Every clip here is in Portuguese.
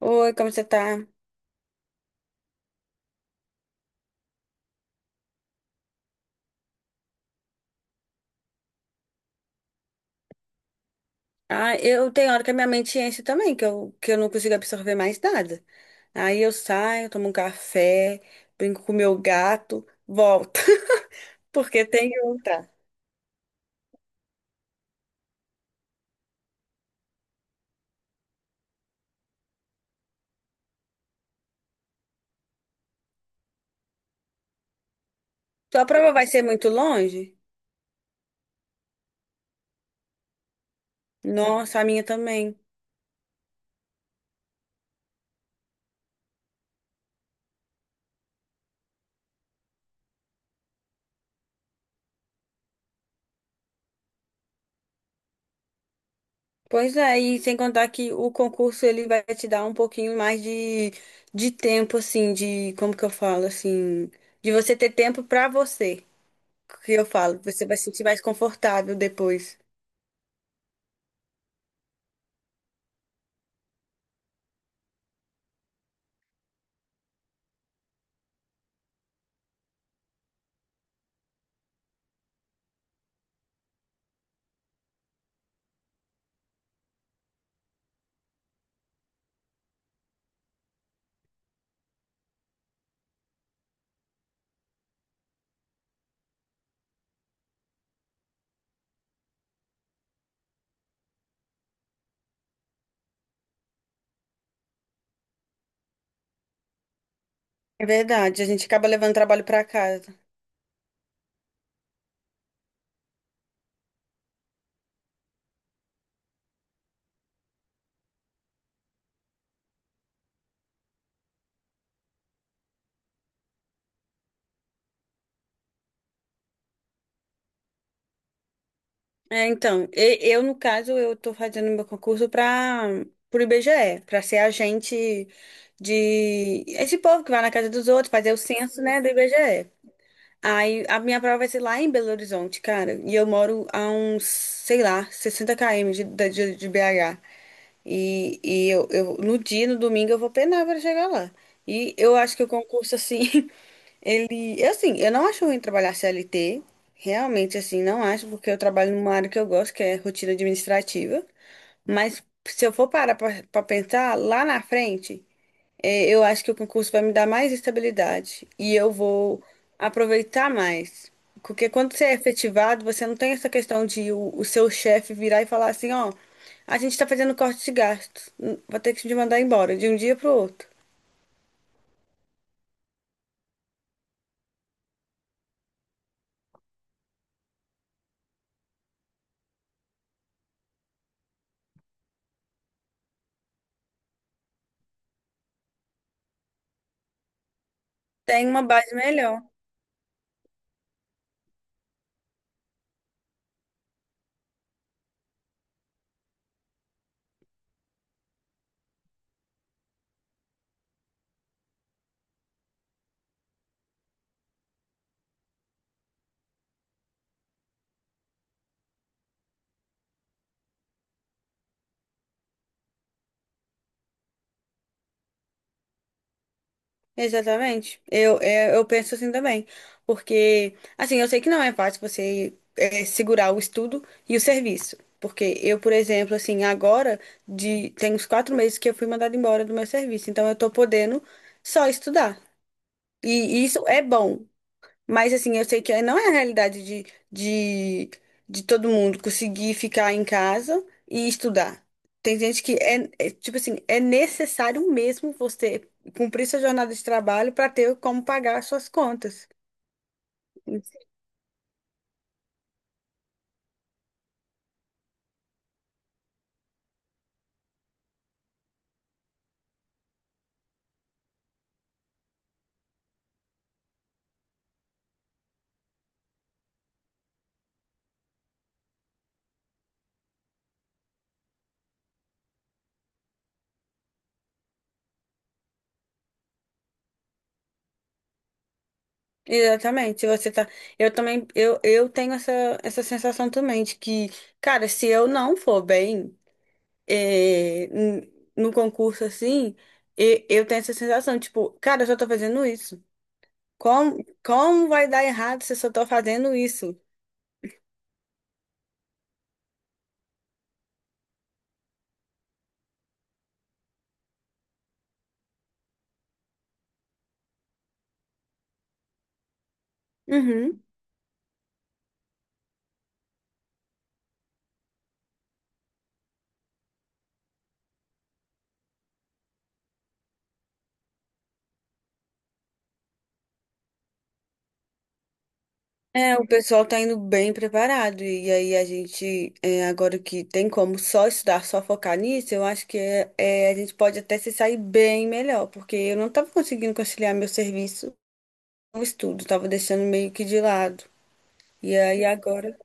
Oi, como você tá? Ah, eu tenho hora que a minha mente enche também, que eu não consigo absorver mais nada. Aí eu saio, tomo um café, brinco com o meu gato, volto, porque tem que voltar. Sua prova vai ser muito longe? Nossa, a minha também. Pois é, e sem contar que o concurso ele vai te dar um pouquinho mais de tempo, assim, de, como que eu falo, assim, de você ter tempo pra você. Que eu falo, você vai se sentir mais confortável depois. É verdade, a gente acaba levando trabalho para casa. É, então, eu, no caso, eu tô fazendo meu concurso para pro IBGE, para ser agente de esse povo que vai na casa dos outros, fazer o censo, né, do IBGE. Aí a minha prova vai ser lá em Belo Horizonte, cara, e eu moro a uns, sei lá, 60 km de BH. E eu, no dia, no domingo, eu vou penar para chegar lá. E eu acho que o concurso, assim, E, assim, eu não acho ruim trabalhar CLT, realmente, assim, não acho, porque eu trabalho numa área que eu gosto, que é rotina administrativa. Mas se eu for parar pra pensar, lá na frente, eu acho que o concurso vai me dar mais estabilidade e eu vou aproveitar mais. Porque quando você é efetivado, você não tem essa questão de o seu chefe virar e falar assim, ó, a gente tá fazendo corte de gastos, vou ter que te mandar embora de um dia pro outro. Tem uma base melhor. Exatamente. Eu penso assim também. Porque, assim, eu sei que não é fácil você segurar o estudo e o serviço. Porque eu, por exemplo, assim, agora tem uns 4 meses que eu fui mandada embora do meu serviço. Então eu tô podendo só estudar. E isso é bom. Mas assim, eu sei que não é a realidade de, de todo mundo conseguir ficar em casa e estudar. Tem gente que é, tipo assim, é necessário mesmo você cumprir sua jornada de trabalho para ter como pagar as suas contas. Exatamente, se você tá. Eu também, eu tenho essa sensação também de que, cara, se eu não for bem no concurso assim, eu tenho essa sensação, tipo, cara, eu só tô fazendo isso. Como, como vai dar errado se eu só tô fazendo isso? Uhum. É, o pessoal tá indo bem preparado. E aí a gente, agora que tem como só estudar, só focar nisso, eu acho que a gente pode até se sair bem melhor, porque eu não tava conseguindo conciliar meu serviço com o estudo, tava deixando meio que de lado. E aí agora.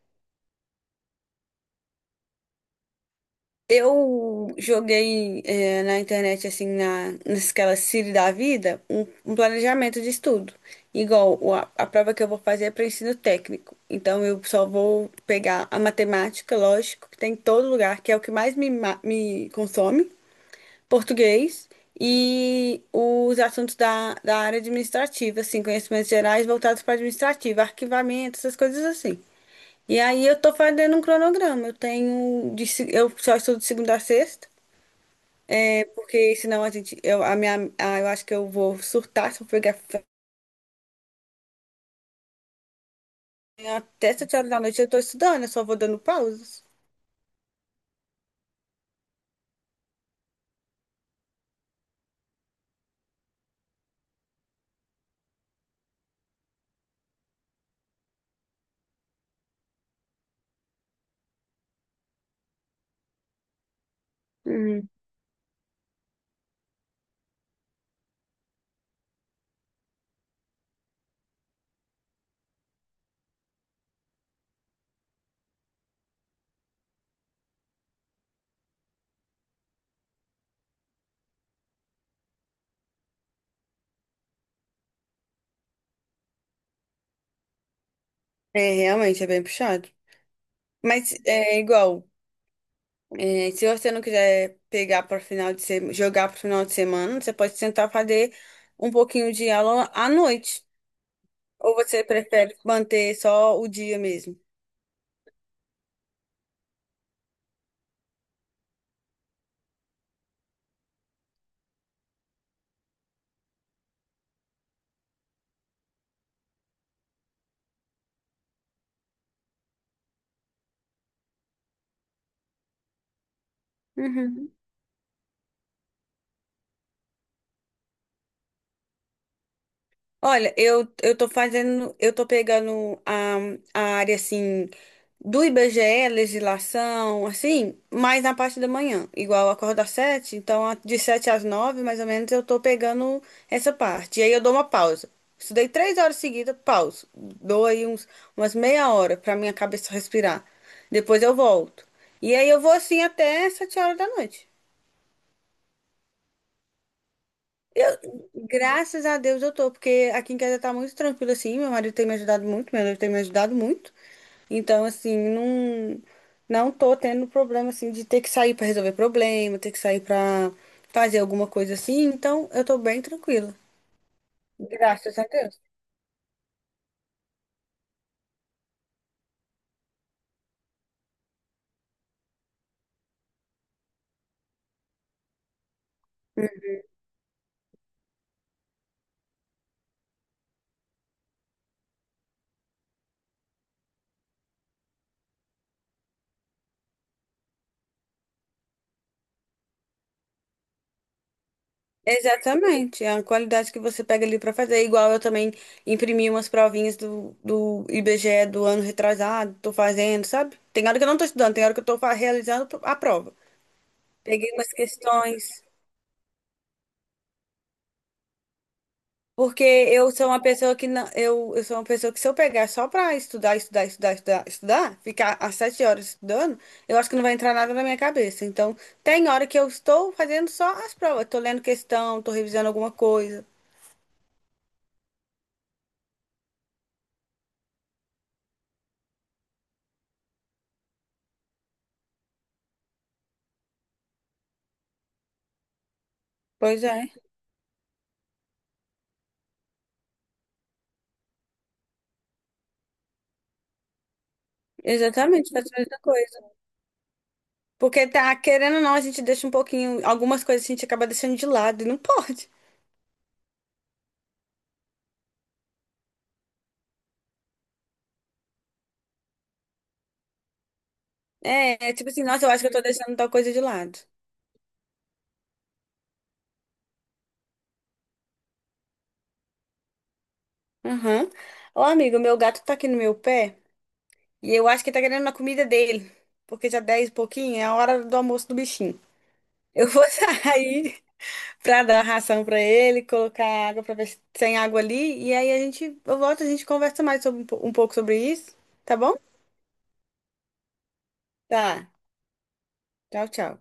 Eu joguei na internet, assim, naquela Siri da vida, um planejamento de estudo. Igual a prova que eu vou fazer é para ensino técnico. Então, eu só vou pegar a matemática, lógico, que tem em todo lugar, que é o que mais me consome, português e os assuntos da área administrativa, assim, conhecimentos gerais voltados para administrativa, arquivamento, essas coisas assim. E aí eu tô fazendo um cronograma. Eu tenho de, se- eu só estudo de segunda a sexta, porque senão a gente eu a minha a- eu acho que eu vou surtar se eu pegar. Até sete horas da noite eu tô estudando, eu só vou dando pausas. Uhum. É, realmente é bem puxado. Mas é igual, se você não quiser pegar para final de semana, jogar para final de semana, você pode tentar fazer um pouquinho de aula à noite. Ou você prefere manter só o dia mesmo? Uhum. Olha, eu tô fazendo, eu tô pegando a área assim do IBGE, legislação, assim, mais na parte da manhã, igual eu acordo às sete, então de sete às nove, mais ou menos, eu tô pegando essa parte. E aí eu dou uma pausa. Estudei 3 horas seguidas, pauso. Dou aí umas meia hora pra minha cabeça respirar. Depois eu volto. E aí eu vou assim até 7 horas da noite. Graças a Deus eu tô, porque aqui em casa tá muito tranquilo assim. Meu marido tem me ajudado muito, meu noivo tem me ajudado muito. Então, assim, não, não tô tendo problema assim de ter que sair pra resolver problema, ter que sair pra fazer alguma coisa assim. Então, eu tô bem tranquila. Graças a Deus. Exatamente, é uma qualidade que você pega ali pra fazer. Igual eu também imprimi umas provinhas do IBGE do ano retrasado, tô fazendo, sabe? Tem hora que eu não tô estudando, tem hora que eu tô realizando a prova. Peguei umas questões, porque eu sou uma pessoa que não, eu sou uma pessoa que se eu pegar só para estudar, estudar, estudar, estudar, estudar, ficar às sete horas estudando, eu acho que não vai entrar nada na minha cabeça. Então, tem hora que eu estou fazendo só as provas, estou lendo questão, estou revisando alguma coisa. Pois é, exatamente, faz a mesma coisa. Porque tá querendo ou não, a gente deixa um pouquinho, algumas coisas a gente acaba deixando de lado e não pode. É tipo assim, nossa, eu acho que eu tô deixando tal coisa de lado. Aham. Ô, amigo, meu gato tá aqui no meu pé. E eu acho que tá querendo uma comida dele, porque já 10 e pouquinho é a hora do almoço do bichinho. Eu vou sair pra dar ração pra ele, colocar água pra ver se tem água ali, e aí a gente, eu volto, e a gente conversa mais sobre um pouco sobre isso, tá bom? Tá. Tchau, tchau.